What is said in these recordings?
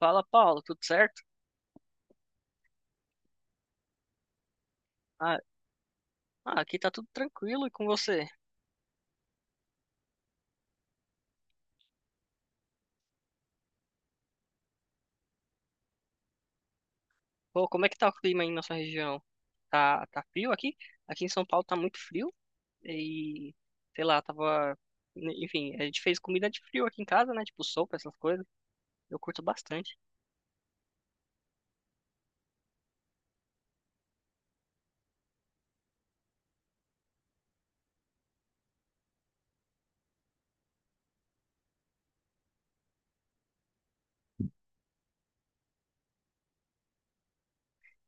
Fala, Paulo, tudo certo? Ah, aqui tá tudo tranquilo e com você? Pô, como é que tá o clima aí na sua região? Tá frio aqui? Aqui em São Paulo tá muito frio e, sei lá, tava... né, enfim, a gente fez comida de frio aqui em casa, né? Tipo sopa, essas coisas. Eu curto bastante.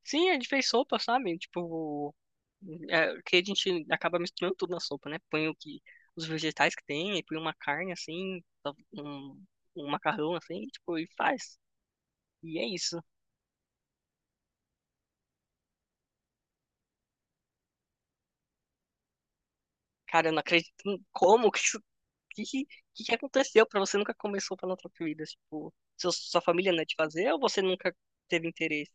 Sim, a gente fez sopa, sabe? Tipo, que a gente acaba misturando tudo na sopa, né? Os vegetais que tem, e põe uma carne assim, um, um macarrão assim, tipo, e faz. E é isso. Cara, eu não acredito. Como? Que, que, que aconteceu pra você nunca começou plantar comidas? Tipo, sua família não é de fazer ou você nunca teve interesse?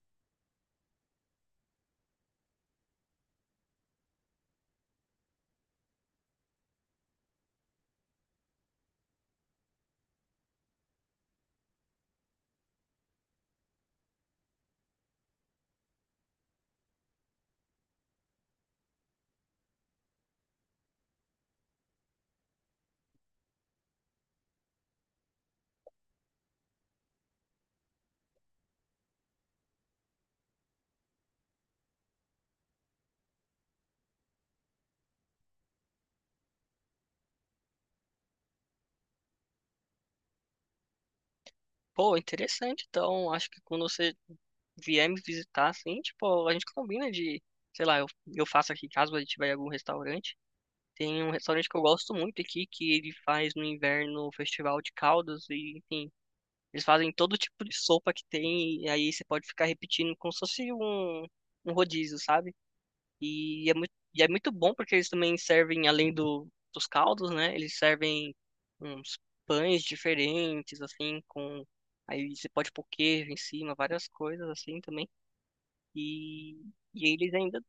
Pô, interessante. Então, acho que quando você vier me visitar, assim, tipo, a gente combina de, sei lá, eu faço aqui caso a gente tiver algum restaurante. Tem um restaurante que eu gosto muito aqui, que ele faz no inverno o festival de caldos e, enfim, eles fazem todo tipo de sopa que tem e aí você pode ficar repetindo como se fosse um rodízio, sabe? E e é muito bom porque eles também servem, além dos caldos, né? Eles servem uns pães diferentes, assim, com. Aí você pode pôr queijo em cima, várias coisas assim também. E, e eles ainda.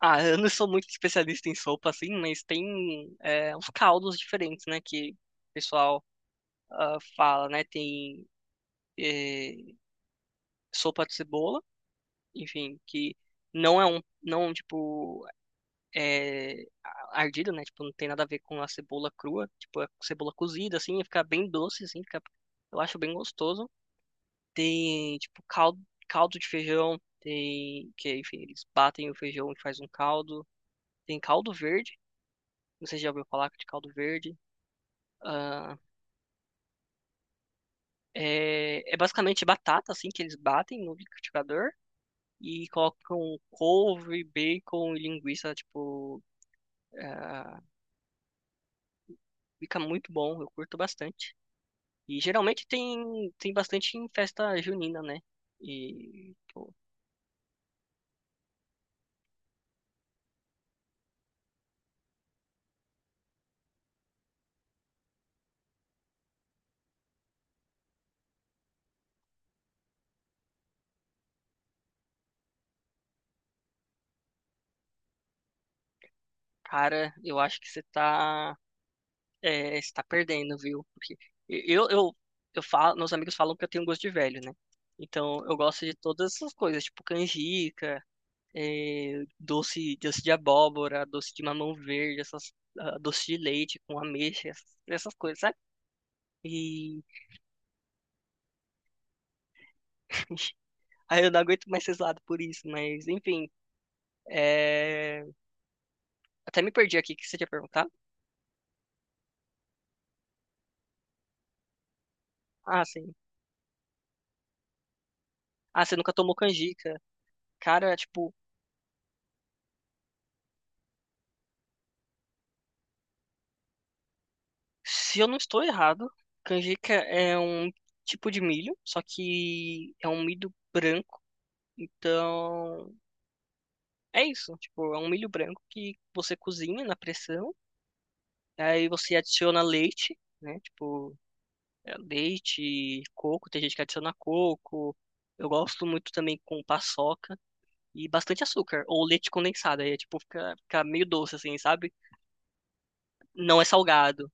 Ah, eu não sou muito especialista em sopa, assim, mas tem uns caldos diferentes, né? Que o pessoal ah, fala, né? Tem eh, sopa de cebola, enfim, que não é um. Não, tipo. É, ardido, né? Tipo, não tem nada a ver com a cebola crua. Tipo, a cebola cozida, assim, fica bem doce, assim, fica, eu acho bem gostoso. Tem, tipo, caldo de feijão, tem, que, enfim, eles batem o feijão e faz um caldo. Tem caldo verde, não sei se já ouviu falar de caldo verde. Ah, é, é basicamente batata, assim, que eles batem no liquidificador. E colocam couve, bacon e linguiça, tipo, ah, fica muito bom, eu curto bastante. E geralmente tem bastante em festa junina, né? E, pô, cara, eu acho que você tá, é, você tá perdendo, viu? Porque eu, eu, eu falo, meus amigos falam que eu tenho gosto de velho, né? Então eu gosto de todas essas coisas, tipo canjica, é, doce de abóbora, doce de mamão verde, essas, ah, doce de leite com ameixa, essas, essas coisas, sabe? E aí eu não aguento mais ser zoado por isso, mas enfim, é, até me perdi aqui, o que você tinha perguntado? Ah, sim. Ah, você nunca tomou canjica. Cara, é, tipo, se eu não estou errado, canjica é um tipo de milho, só que é um milho branco. Então, é isso. Tipo, é um milho branco que você cozinha na pressão, aí você adiciona leite, né? Tipo, é, leite, coco, tem gente que adiciona coco. Eu gosto muito também com paçoca e bastante açúcar, ou leite condensado, aí é tipo, fica, fica meio doce, assim, sabe? Não é salgado.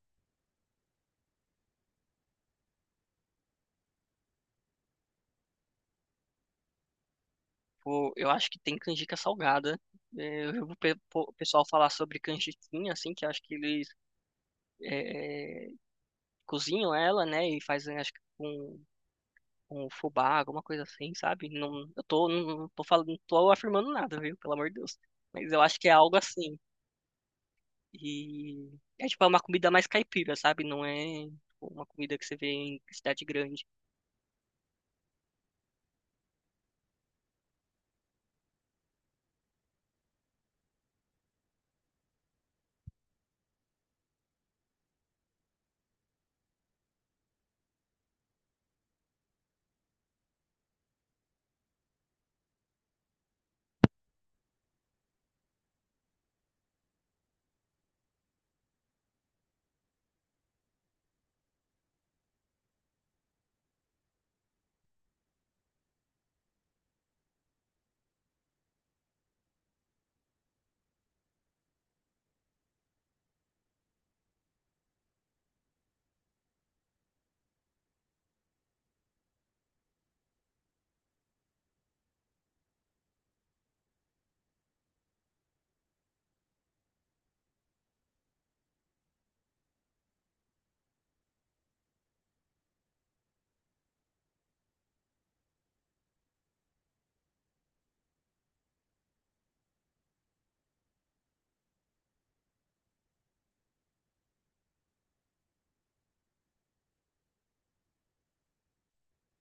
Pô, eu acho que tem canjica salgada. É, eu vi o o pessoal falar sobre canjiquinha, assim, que eu acho que eles é, é, cozinham ela, né, e fazem, acho que com fubá, alguma coisa assim, sabe? Não, eu tô, não, não tô falando, não tô afirmando nada, viu? Pelo amor de Deus. Mas eu acho que é algo assim. E é tipo é uma comida mais caipira, sabe? Não é tipo, uma comida que você vê em cidade grande.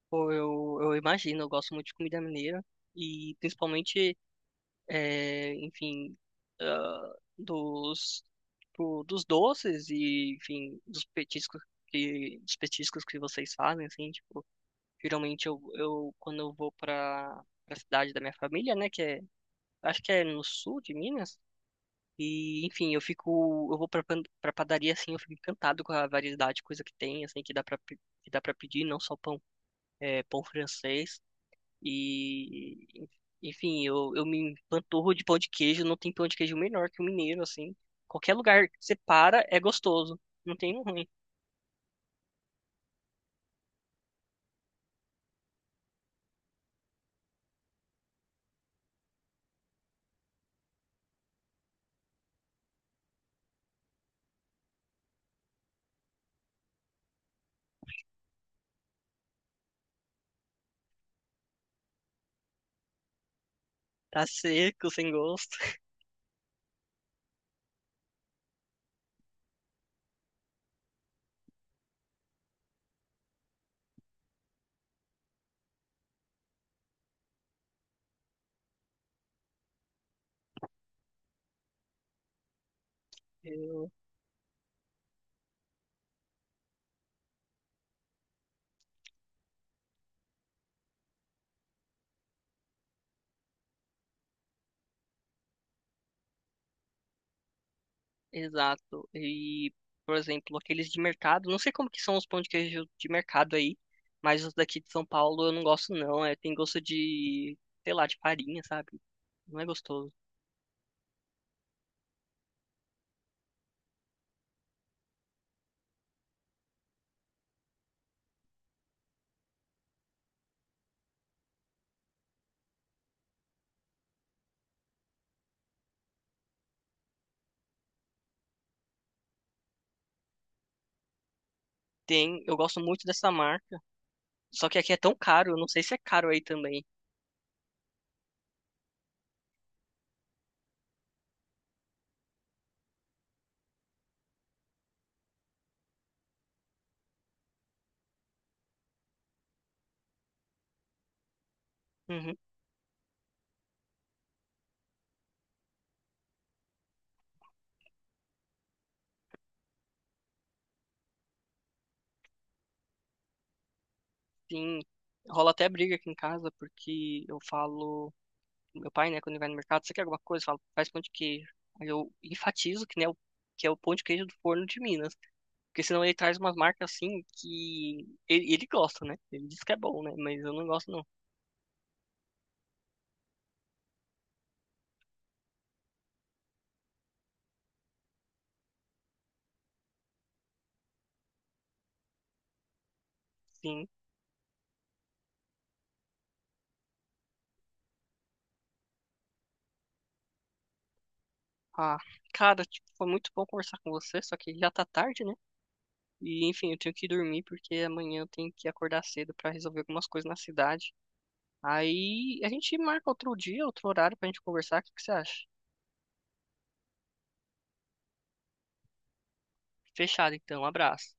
Pô, eu imagino, eu gosto muito de comida mineira. E principalmente é, enfim, ah, dos, tipo, dos doces e, enfim, dos petiscos que vocês fazem, assim, tipo, geralmente eu quando eu vou para a cidade da minha família, né, que é, acho que é no sul de Minas, e, enfim, eu fico, eu vou para padaria, assim, eu fico encantado com a variedade de coisa que tem, assim, que dá para pedir, não só pão, é, pão francês, e, enfim, eu me empanturro de pão de queijo. Não tem pão de queijo melhor que o mineiro, assim. Qualquer lugar que você para é gostoso. Não tem um ruim. Tá seco, sem gosto. Eu- Exato. E, por exemplo, aqueles de mercado. Não sei como que são os pão de queijo de mercado aí. Mas os daqui de São Paulo eu não gosto, não. É, tem gosto de, sei lá, de farinha, sabe? Não é gostoso. Tem, eu gosto muito dessa marca. Só que aqui é tão caro. Eu não sei se é caro aí também. Uhum. Sim, rola até briga aqui em casa, porque eu falo, meu pai, né, quando ele vai no mercado, você quer alguma coisa? Eu falo, faz pão de queijo. Aí eu enfatizo que, né, que é o pão de queijo do Forno de Minas, porque senão ele traz umas marcas assim que ele gosta, né? Ele diz que é bom, né? Mas eu não gosto, não. Sim. Ah, cara, tipo, foi muito bom conversar com você, só que já tá tarde, né? E enfim, eu tenho que dormir porque amanhã eu tenho que acordar cedo pra resolver algumas coisas na cidade. Aí a gente marca outro dia, outro horário pra gente conversar. O que que você acha? Fechado, então. Um abraço.